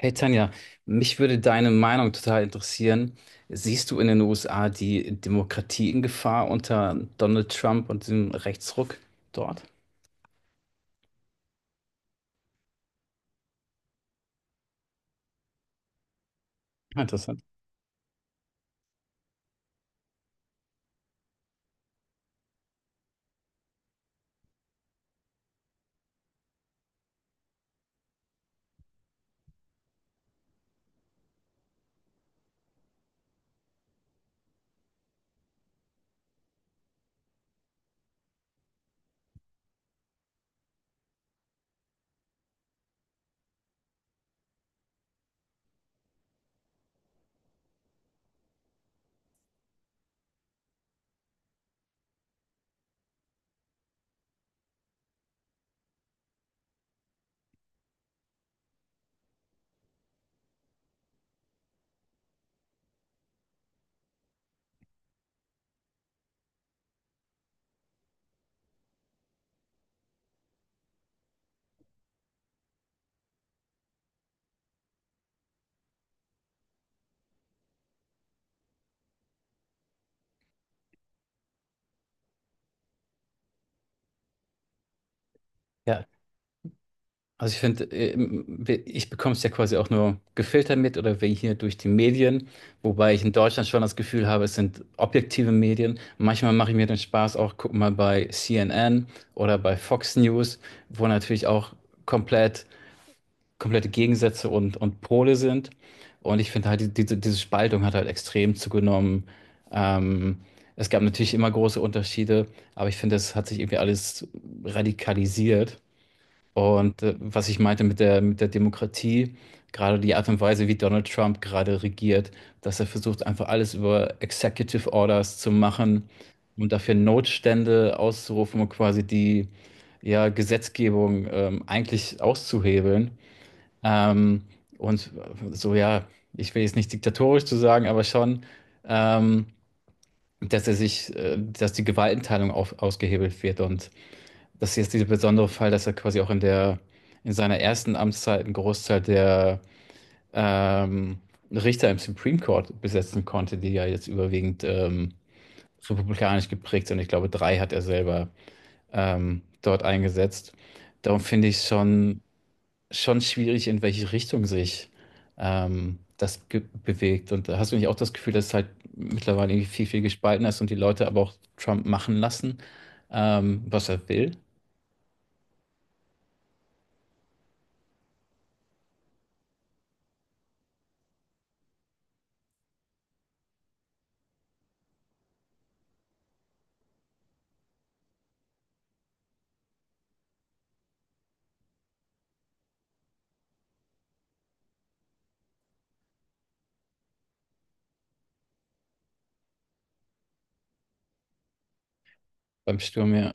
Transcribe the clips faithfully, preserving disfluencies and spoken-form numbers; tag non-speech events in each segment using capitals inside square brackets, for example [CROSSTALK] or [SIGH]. Hey Tanja, mich würde deine Meinung total interessieren. Siehst du in den U S A die Demokratie in Gefahr unter Donald Trump und dem Rechtsruck dort? Ah, interessant. Ja, also ich finde, ähm, wir- ich bekomme es ja quasi auch nur gefiltert mit, oder wir hier durch die Medien, wobei ich in Deutschland schon das Gefühl habe, es sind objektive Medien. Manchmal mache ich mir den Spaß auch, guck mal bei C N N oder bei Fox News, wo natürlich auch komplett komplette Gegensätze und, und Pole sind. Und ich finde halt, die, diese, diese Spaltung hat halt extrem zugenommen. Ähm, Es gab natürlich immer große Unterschiede, aber ich finde, es hat sich irgendwie alles radikalisiert. Und äh, was ich meinte mit der, mit der Demokratie: Gerade die Art und Weise, wie Donald Trump gerade regiert, dass er versucht, einfach alles über Executive Orders zu machen und dafür Notstände auszurufen und quasi die ja, Gesetzgebung ähm, eigentlich auszuhebeln. Ähm, und so, ja, ich will jetzt nicht diktatorisch zu sagen, aber schon, ähm, dass er sich, äh, dass die Gewaltenteilung auf, ausgehebelt wird. Und das ist jetzt dieser besondere Fall, dass er quasi auch in der, in seiner ersten Amtszeit einen Großteil der ähm, Richter im Supreme Court besetzen konnte, die ja jetzt überwiegend ähm, republikanisch geprägt sind. Ich glaube, drei hat er selber ähm, dort eingesetzt. Darum finde ich schon schon schwierig, in welche Richtung sich ähm, das ge- bewegt. Und da hast du nicht auch das Gefühl, dass es halt mittlerweile irgendwie viel, viel gespalten ist und die Leute aber auch Trump machen lassen, ähm, was er will? Beim Sturm? Ja,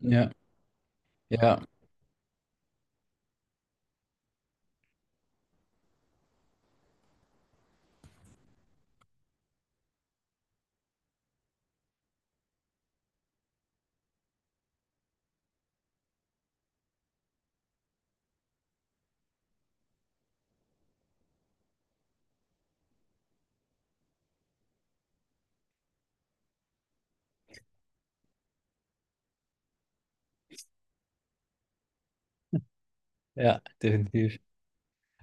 ja, ja, ja, definitiv.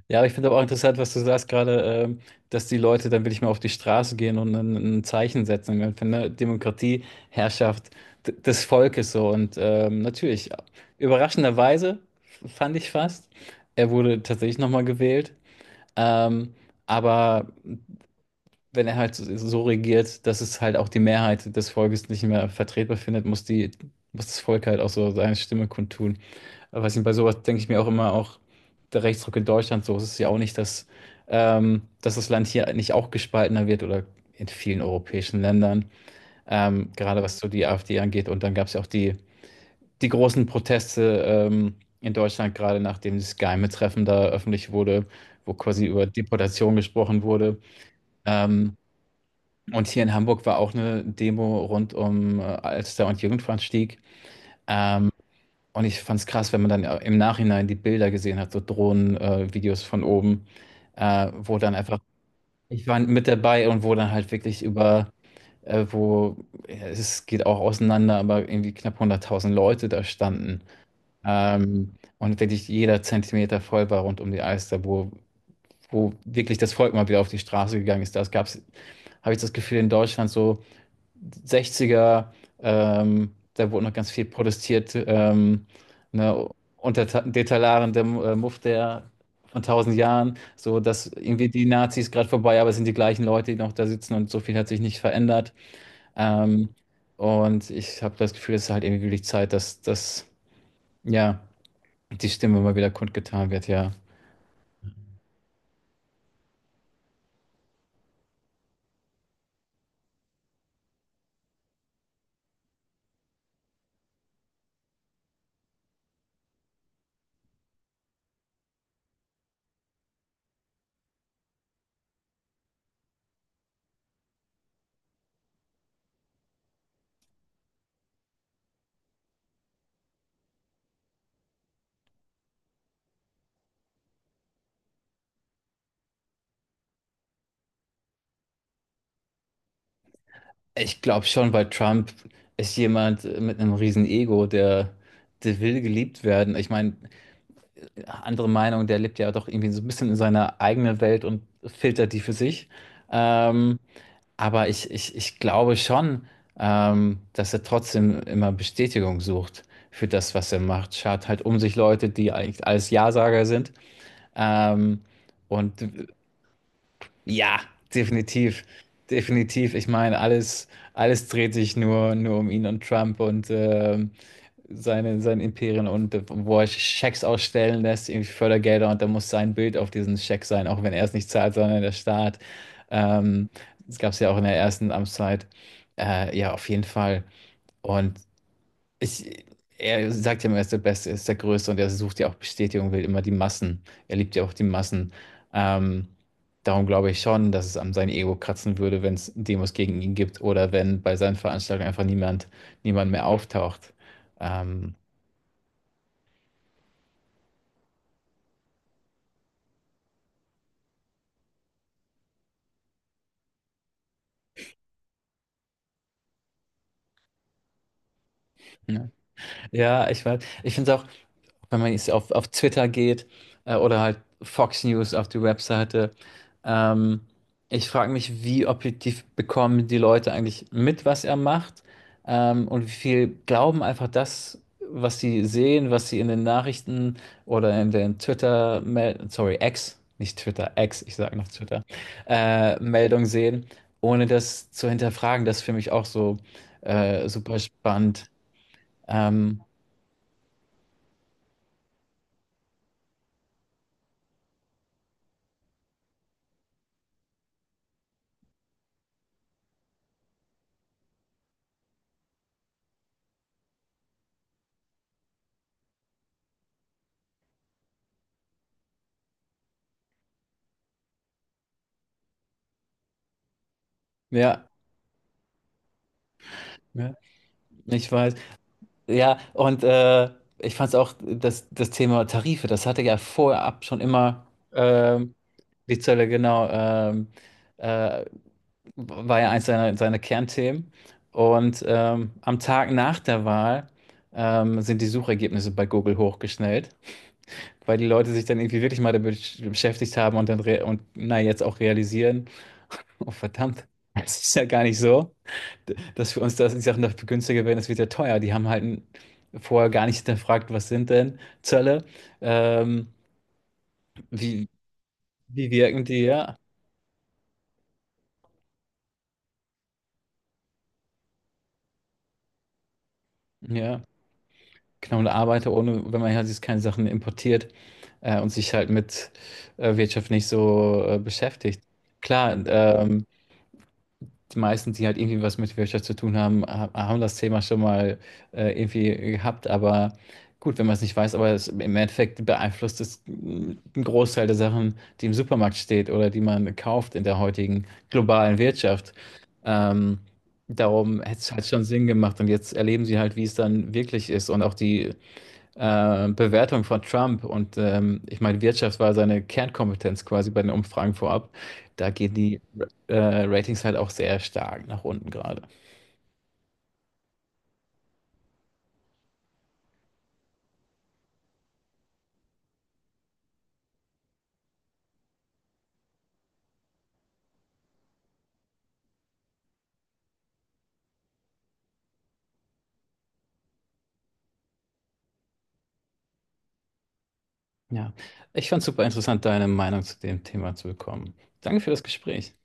Ja, aber ich finde aber auch interessant, was du sagst gerade, ähm, dass die Leute dann wirklich mal auf die Straße gehen und ein, ein Zeichen setzen. Ich finde, Demokratie, Herrschaft d- des Volkes, so. Und ähm, natürlich, überraschenderweise f- fand ich fast, er wurde tatsächlich nochmal gewählt. Ähm, aber wenn er halt so so regiert, dass es halt auch die Mehrheit des Volkes nicht mehr vertretbar findet, muss die, muss das Volk halt auch so seine Stimme kundtun. Aber weiß nicht, bei sowas denke ich mir auch immer, auch der Rechtsruck in Deutschland, so ist es ja auch nicht, dass, ähm, dass das Land hier nicht auch gespaltener wird, oder in vielen europäischen Ländern, ähm, gerade was so die AfD angeht. Und dann gab es ja auch die, die großen Proteste ähm, in Deutschland, gerade nachdem das Geheime-Treffen da öffentlich wurde, wo quasi über Deportation gesprochen wurde. Ähm, und hier in Hamburg war auch eine Demo rund um äh, Alster- und Jugendfahndstieg. Ähm, und ich fand es krass, wenn man dann im Nachhinein die Bilder gesehen hat, so Drohnen-Videos, äh, Videos von oben, äh, wo dann einfach, ich war mit dabei, und wo dann halt wirklich über, äh, wo, ja, es geht auch auseinander, aber irgendwie knapp hunderttausend Leute da standen. Ähm, und wirklich jeder Zentimeter voll war rund um die Alster, wo, wo wirklich das Volk mal wieder auf die Straße gegangen ist. Das gab's, habe ich das Gefühl, in Deutschland so sechziger, ähm, da wurde noch ganz viel protestiert, ähm, ne, unter ta- Detallarendem äh, Muff der von tausend Jahren, so dass irgendwie die Nazis gerade vorbei, aber es sind die gleichen Leute, die noch da sitzen, und so viel hat sich nicht verändert. Ähm, und ich habe das Gefühl, es ist halt irgendwie wirklich Zeit, dass das, ja, die Stimme mal wieder kundgetan wird, ja. Ich glaube schon, weil Trump ist jemand mit einem riesen Ego, der, der will geliebt werden. Ich meine, andere Meinung, der lebt ja doch irgendwie so ein bisschen in seiner eigenen Welt und filtert die für sich. Ähm, aber ich, ich, ich glaube schon, ähm, dass er trotzdem immer Bestätigung sucht für das, was er macht. Schart halt um sich Leute, die eigentlich alles Ja-Sager sind. Ähm, und äh, ja, definitiv. Definitiv. Ich meine, alles, alles dreht sich nur, nur um ihn und Trump und ähm, seine, sein Imperien, und äh, wo er Schecks ausstellen lässt, irgendwie Fördergelder, und da muss sein Bild auf diesen Scheck sein, auch wenn er es nicht zahlt, sondern der Staat. Ähm, Das gab es ja auch in der ersten Amtszeit. Äh, ja, auf jeden Fall. Und ich, er sagt ja immer, er ist der Beste, er ist der Größte, und er sucht ja auch Bestätigung, will immer die Massen. Er liebt ja auch die Massen. Ähm, Darum glaube ich schon, dass es an sein Ego kratzen würde, wenn es Demos gegen ihn gibt oder wenn bei seinen Veranstaltungen einfach niemand, niemand mehr auftaucht. Ähm, Ja, ja, ich weiß. Ich finde es auch, wenn man jetzt auf, auf Twitter geht, äh, oder halt Fox News auf die Webseite, ähm, ich frage mich: Wie objektiv bekommen die Leute eigentlich mit, was er macht, ähm, und wie viel glauben einfach das, was sie sehen, was sie in den Nachrichten oder in den Twitter, sorry, X, nicht Twitter, X, ich sage noch Twitter, äh, Meldung sehen, ohne das zu hinterfragen. Das ist für mich auch so äh, super spannend. Ähm, Ja, ja, ich weiß. Ja, und äh, ich fand es auch, das, das Thema Tarife, das hatte ja vorab schon immer ähm, die Zölle, genau, ähm, äh, war ja eins seiner, seiner Kernthemen. Und ähm, am Tag nach der Wahl ähm, sind die Suchergebnisse bei Google hochgeschnellt, weil die Leute sich dann irgendwie wirklich mal damit beschäftigt haben und dann re und na, jetzt auch realisieren: Oh verdammt, [LAUGHS] das ist ja gar nicht so, dass wir uns das, die Sachen noch günstiger werden, das wird ja teuer. Die haben halt vorher gar nicht hinterfragt, was sind denn Zölle, ähm, wie, wie wirken die, ja. Ja, genau, und Arbeiter ohne, wenn man halt jetzt keine Sachen importiert, äh, und sich halt mit äh, Wirtschaft nicht so äh, beschäftigt. Klar, ähm, die meisten, die halt irgendwie was mit Wirtschaft zu tun haben, ha- haben das Thema schon mal äh, irgendwie gehabt. Aber gut, wenn man es nicht weiß, aber es, im Endeffekt beeinflusst es, mm, einen Großteil der Sachen, die im Supermarkt steht oder die man kauft in der heutigen globalen Wirtschaft. Ähm, Darum hätte es halt schon Sinn gemacht. Und jetzt erleben sie halt, wie es dann wirklich ist. Und auch die äh, Bewertung von Trump und ähm, ich meine, Wirtschaft war seine Kernkompetenz quasi bei den Umfragen vorab. Da gehen die äh, Ratings halt auch sehr stark nach unten gerade. Ja, ich fand es super interessant, deine Meinung zu dem Thema zu bekommen. Danke für das Gespräch.